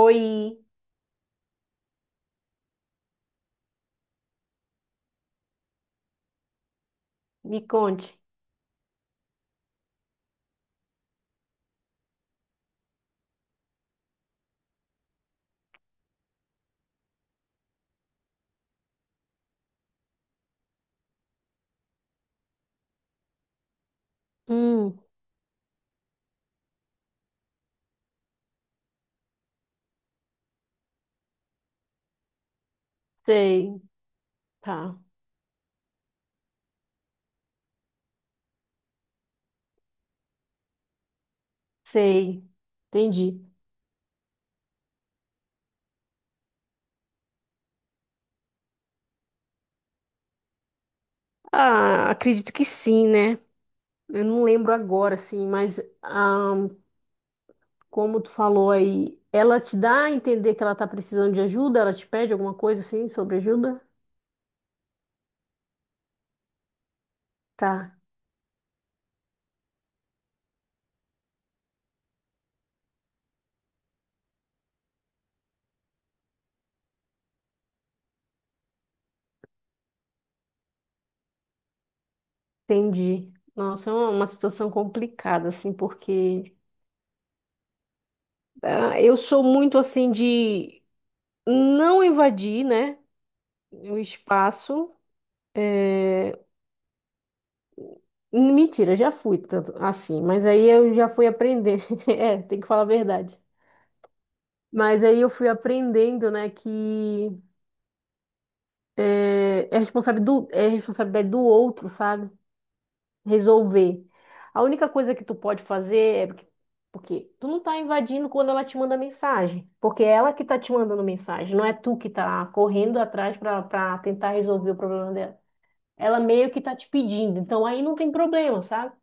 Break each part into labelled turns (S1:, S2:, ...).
S1: Oi, me conte. Hum, sei, tá, sei, entendi. Ah, acredito que sim, né? Eu não lembro agora, assim, mas como tu falou aí, ela te dá a entender que ela tá precisando de ajuda? Ela te pede alguma coisa assim sobre ajuda? Tá, entendi. Nossa, é uma situação complicada, assim, porque eu sou muito assim de não invadir, né, o espaço. eh, Mentira, já fui tanto assim, mas aí eu já fui aprender. É, tem que falar a verdade. Mas aí eu fui aprendendo, né, que é responsável é responsabilidade do outro, sabe? Resolver. A única coisa que tu pode fazer é porque tu não tá invadindo quando ela te manda mensagem, porque é ela que tá te mandando mensagem, não é tu que tá correndo atrás pra para tentar resolver o problema dela. Ela meio que tá te pedindo, então aí não tem problema, sabe?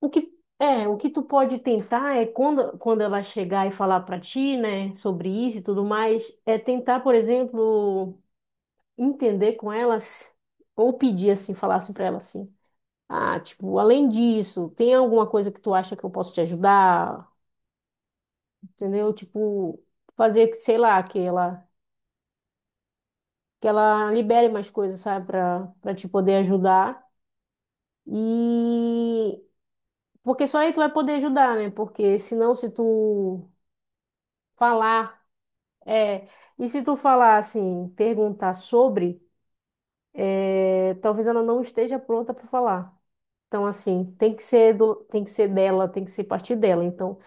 S1: O que, é, o que tu pode tentar é quando ela chegar e falar para ti, né, sobre isso e tudo mais, é tentar, por exemplo, entender com elas ou pedir assim, falar assim para ela assim: "Ah, tipo, além disso, tem alguma coisa que tu acha que eu posso te ajudar?" Entendeu? Tipo, fazer que, sei lá, que ela libere mais coisas, sabe, para te poder ajudar. E porque só aí tu vai poder ajudar, né? Porque senão se tu falar É, e se tu falar assim, é, talvez ela não esteja pronta para falar. Então, assim, tem que ser dela, tem que ser partir dela. Então,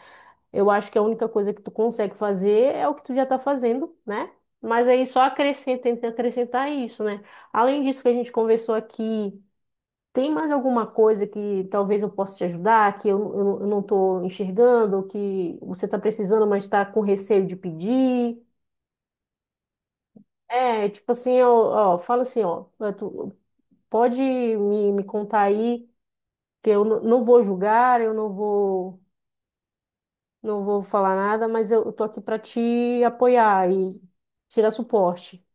S1: eu acho que a única coisa que tu consegue fazer é o que tu já tá fazendo, né? Mas aí só acrescenta, tenta acrescentar isso, né? Além disso que a gente conversou aqui, tem mais alguma coisa que talvez eu possa te ajudar, eu não tô enxergando, que você tá precisando, mas tá com receio de pedir? É, tipo assim, eu, ó, fala assim, ó, tu pode me contar aí que eu não vou julgar, eu não vou, não vou falar nada, mas eu tô aqui pra te apoiar e te dar suporte.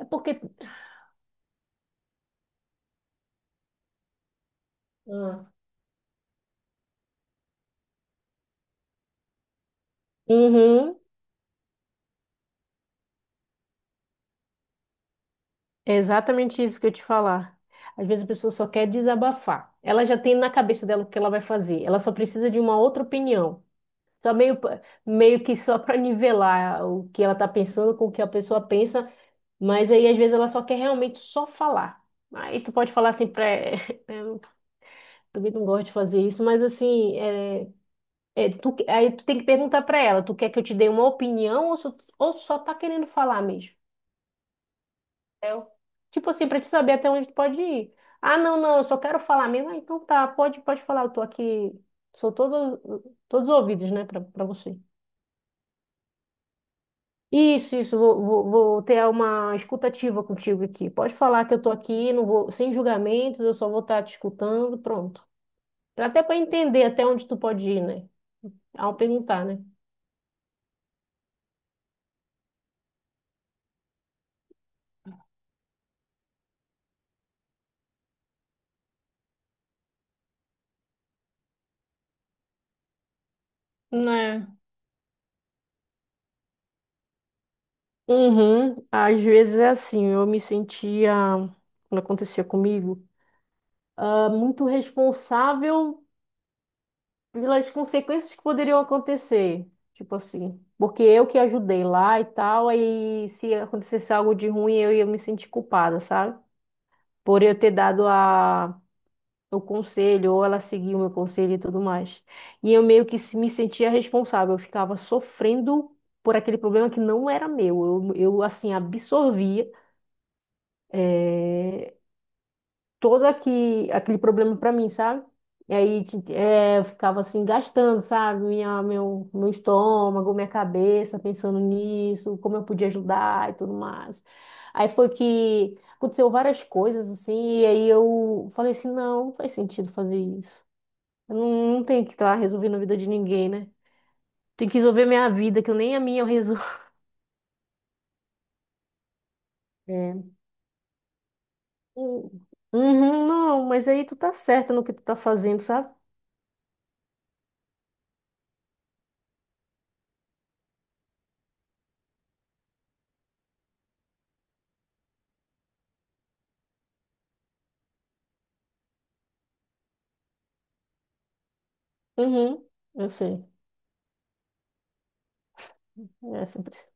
S1: É porque Ah. Uhum, é exatamente isso que eu te falar. Às vezes a pessoa só quer desabafar. Ela já tem na cabeça dela o que ela vai fazer. Ela só precisa de uma outra opinião. Só meio, meio que só para nivelar o que ela está pensando com o que a pessoa pensa. Mas aí, às vezes, ela só quer realmente só falar. Aí tu pode falar assim pra... Eu também não gosto de fazer isso, mas assim, aí tu tem que perguntar pra ela, tu quer que eu te dê uma opinião ou só tá querendo falar mesmo? Entendeu? Tipo assim, pra te saber até onde tu pode ir. Ah, não, não, eu só quero falar mesmo. Ah, então tá, pode falar, eu tô aqui, sou todo, todos os ouvidos, né, pra você. Isso, vou ter uma escutativa contigo aqui. Pode falar que eu tô aqui, sem julgamentos, eu só vou estar te escutando, pronto. Até para entender até onde tu pode ir, né? Ao perguntar, né? Né? Uhum. Às vezes é assim, quando acontecia comigo, muito responsável pelas consequências que poderiam acontecer. Tipo assim, porque eu que ajudei lá e tal, aí se acontecesse algo de ruim, eu ia me sentir culpada, sabe? Por eu ter dado a, o conselho, ou ela seguiu o meu conselho e tudo mais. E eu meio que me sentia responsável, eu ficava sofrendo por aquele problema que não era meu. Eu assim, absorvia, eh, aquele problema pra mim, sabe? E aí é, eu ficava assim, gastando, sabe? Meu estômago, minha cabeça, pensando nisso, como eu podia ajudar e tudo mais. Aí foi que aconteceu várias coisas, assim, e aí eu falei assim, não faz sentido fazer isso. Eu não, não tenho que estar resolvendo a vida de ninguém, né? Tem que resolver minha vida, que nem a minha eu resolvo. É. Hum, uhum, não, mas aí tu tá certa no que tu tá fazendo, sabe? Uhum, eu sei. É é sempre assim.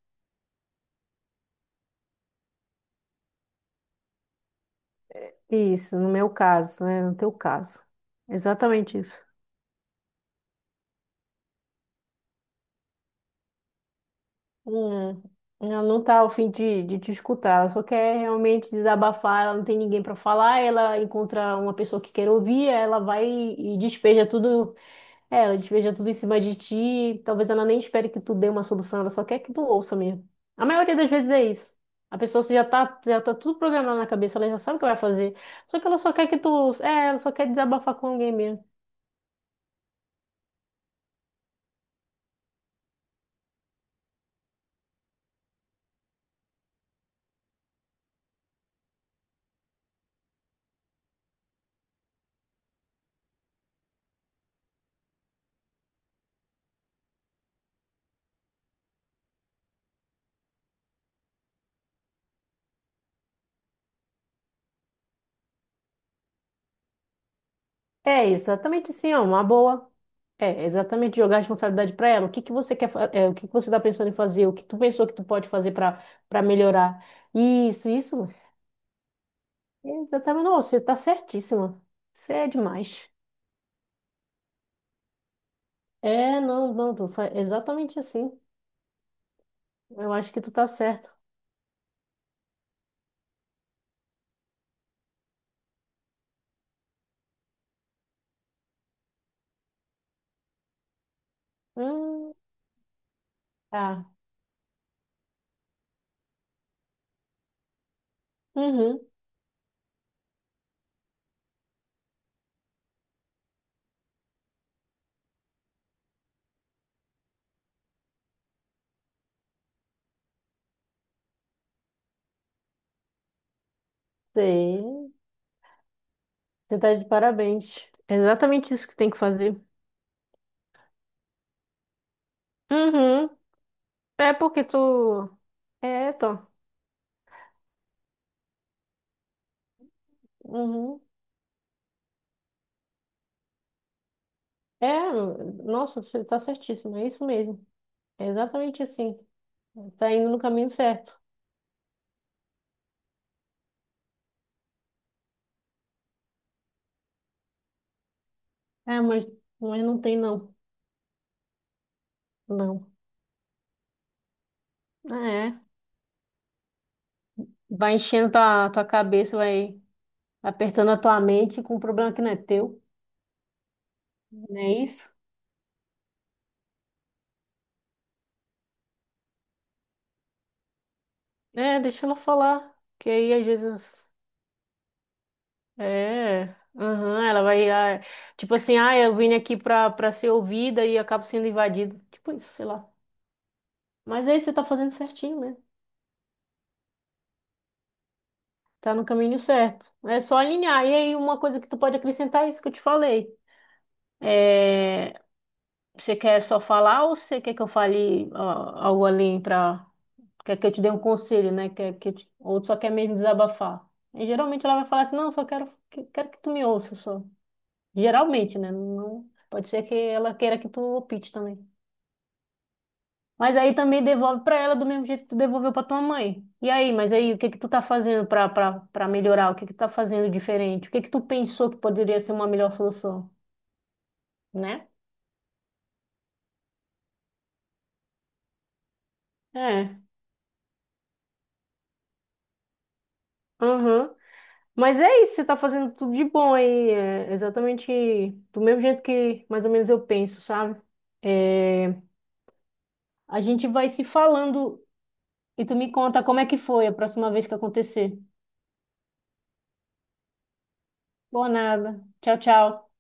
S1: Isso, no meu caso, né? No teu caso. Exatamente isso. Hum, ela não tá ao fim de te escutar, ela só quer realmente desabafar, ela não tem ninguém para falar, ela encontra uma pessoa que quer ouvir, ela vai e despeja tudo, é, ela despeja tudo em cima de ti, talvez ela nem espere que tu dê uma solução, ela só quer que tu ouça mesmo. A maioria das vezes é isso. A pessoa já tá tudo programado na cabeça, ela já sabe o que vai fazer, só que ela só quer que é, ela só quer desabafar com alguém mesmo. É exatamente assim, ó, uma boa. É, exatamente, jogar a responsabilidade para ela. O que que você quer, é, o que que você está pensando em fazer? O que tu pensou que tu pode fazer para melhorar? Isso, isso. É, exatamente, não, você tá certíssima. Você é demais. É, não, não, tu exatamente assim. Eu acho que tu tá certo. Hum, tá. Uhum. Sei. Você tá de parabéns. É exatamente isso que tem que fazer. Uhum. É porque tu tô. Uhum. É, nossa, você tá certíssima. É isso mesmo. É exatamente assim. Tá indo no caminho certo. É, mas não tem não. Não. É. Vai enchendo tua cabeça, vai apertando a tua mente com um problema que não é teu. Não é isso? É, deixa ela falar. Que aí às vezes. É. Aham, ela vai. Tipo assim, ah, eu vim aqui pra ser ouvida e acabo sendo invadida. Tipo isso, sei lá. Mas aí você tá fazendo certinho, né? Tá no caminho certo. É só alinhar. E aí uma coisa que tu pode acrescentar é isso que eu te falei. É, você quer só falar ou você quer que eu fale algo além pra. Quer que eu te dê um conselho, né? Quer que eu ou só quer mesmo desabafar? E geralmente ela vai falar assim, não, só quero que tu me ouça só. Geralmente, né? Não... Pode ser que ela queira que tu opte também. Mas aí também devolve pra ela do mesmo jeito que tu devolveu pra tua mãe. E aí, mas aí, o que que tu tá fazendo pra melhorar? O que que tu tá fazendo diferente? O que que tu pensou que poderia ser uma melhor solução, né? É. Uhum. Mas é isso, você tá fazendo tudo de bom aí, é exatamente do mesmo jeito que mais ou menos eu penso, sabe? É, a gente vai se falando e tu me conta como é que foi a próxima vez que acontecer. Boa nada. Tchau, tchau.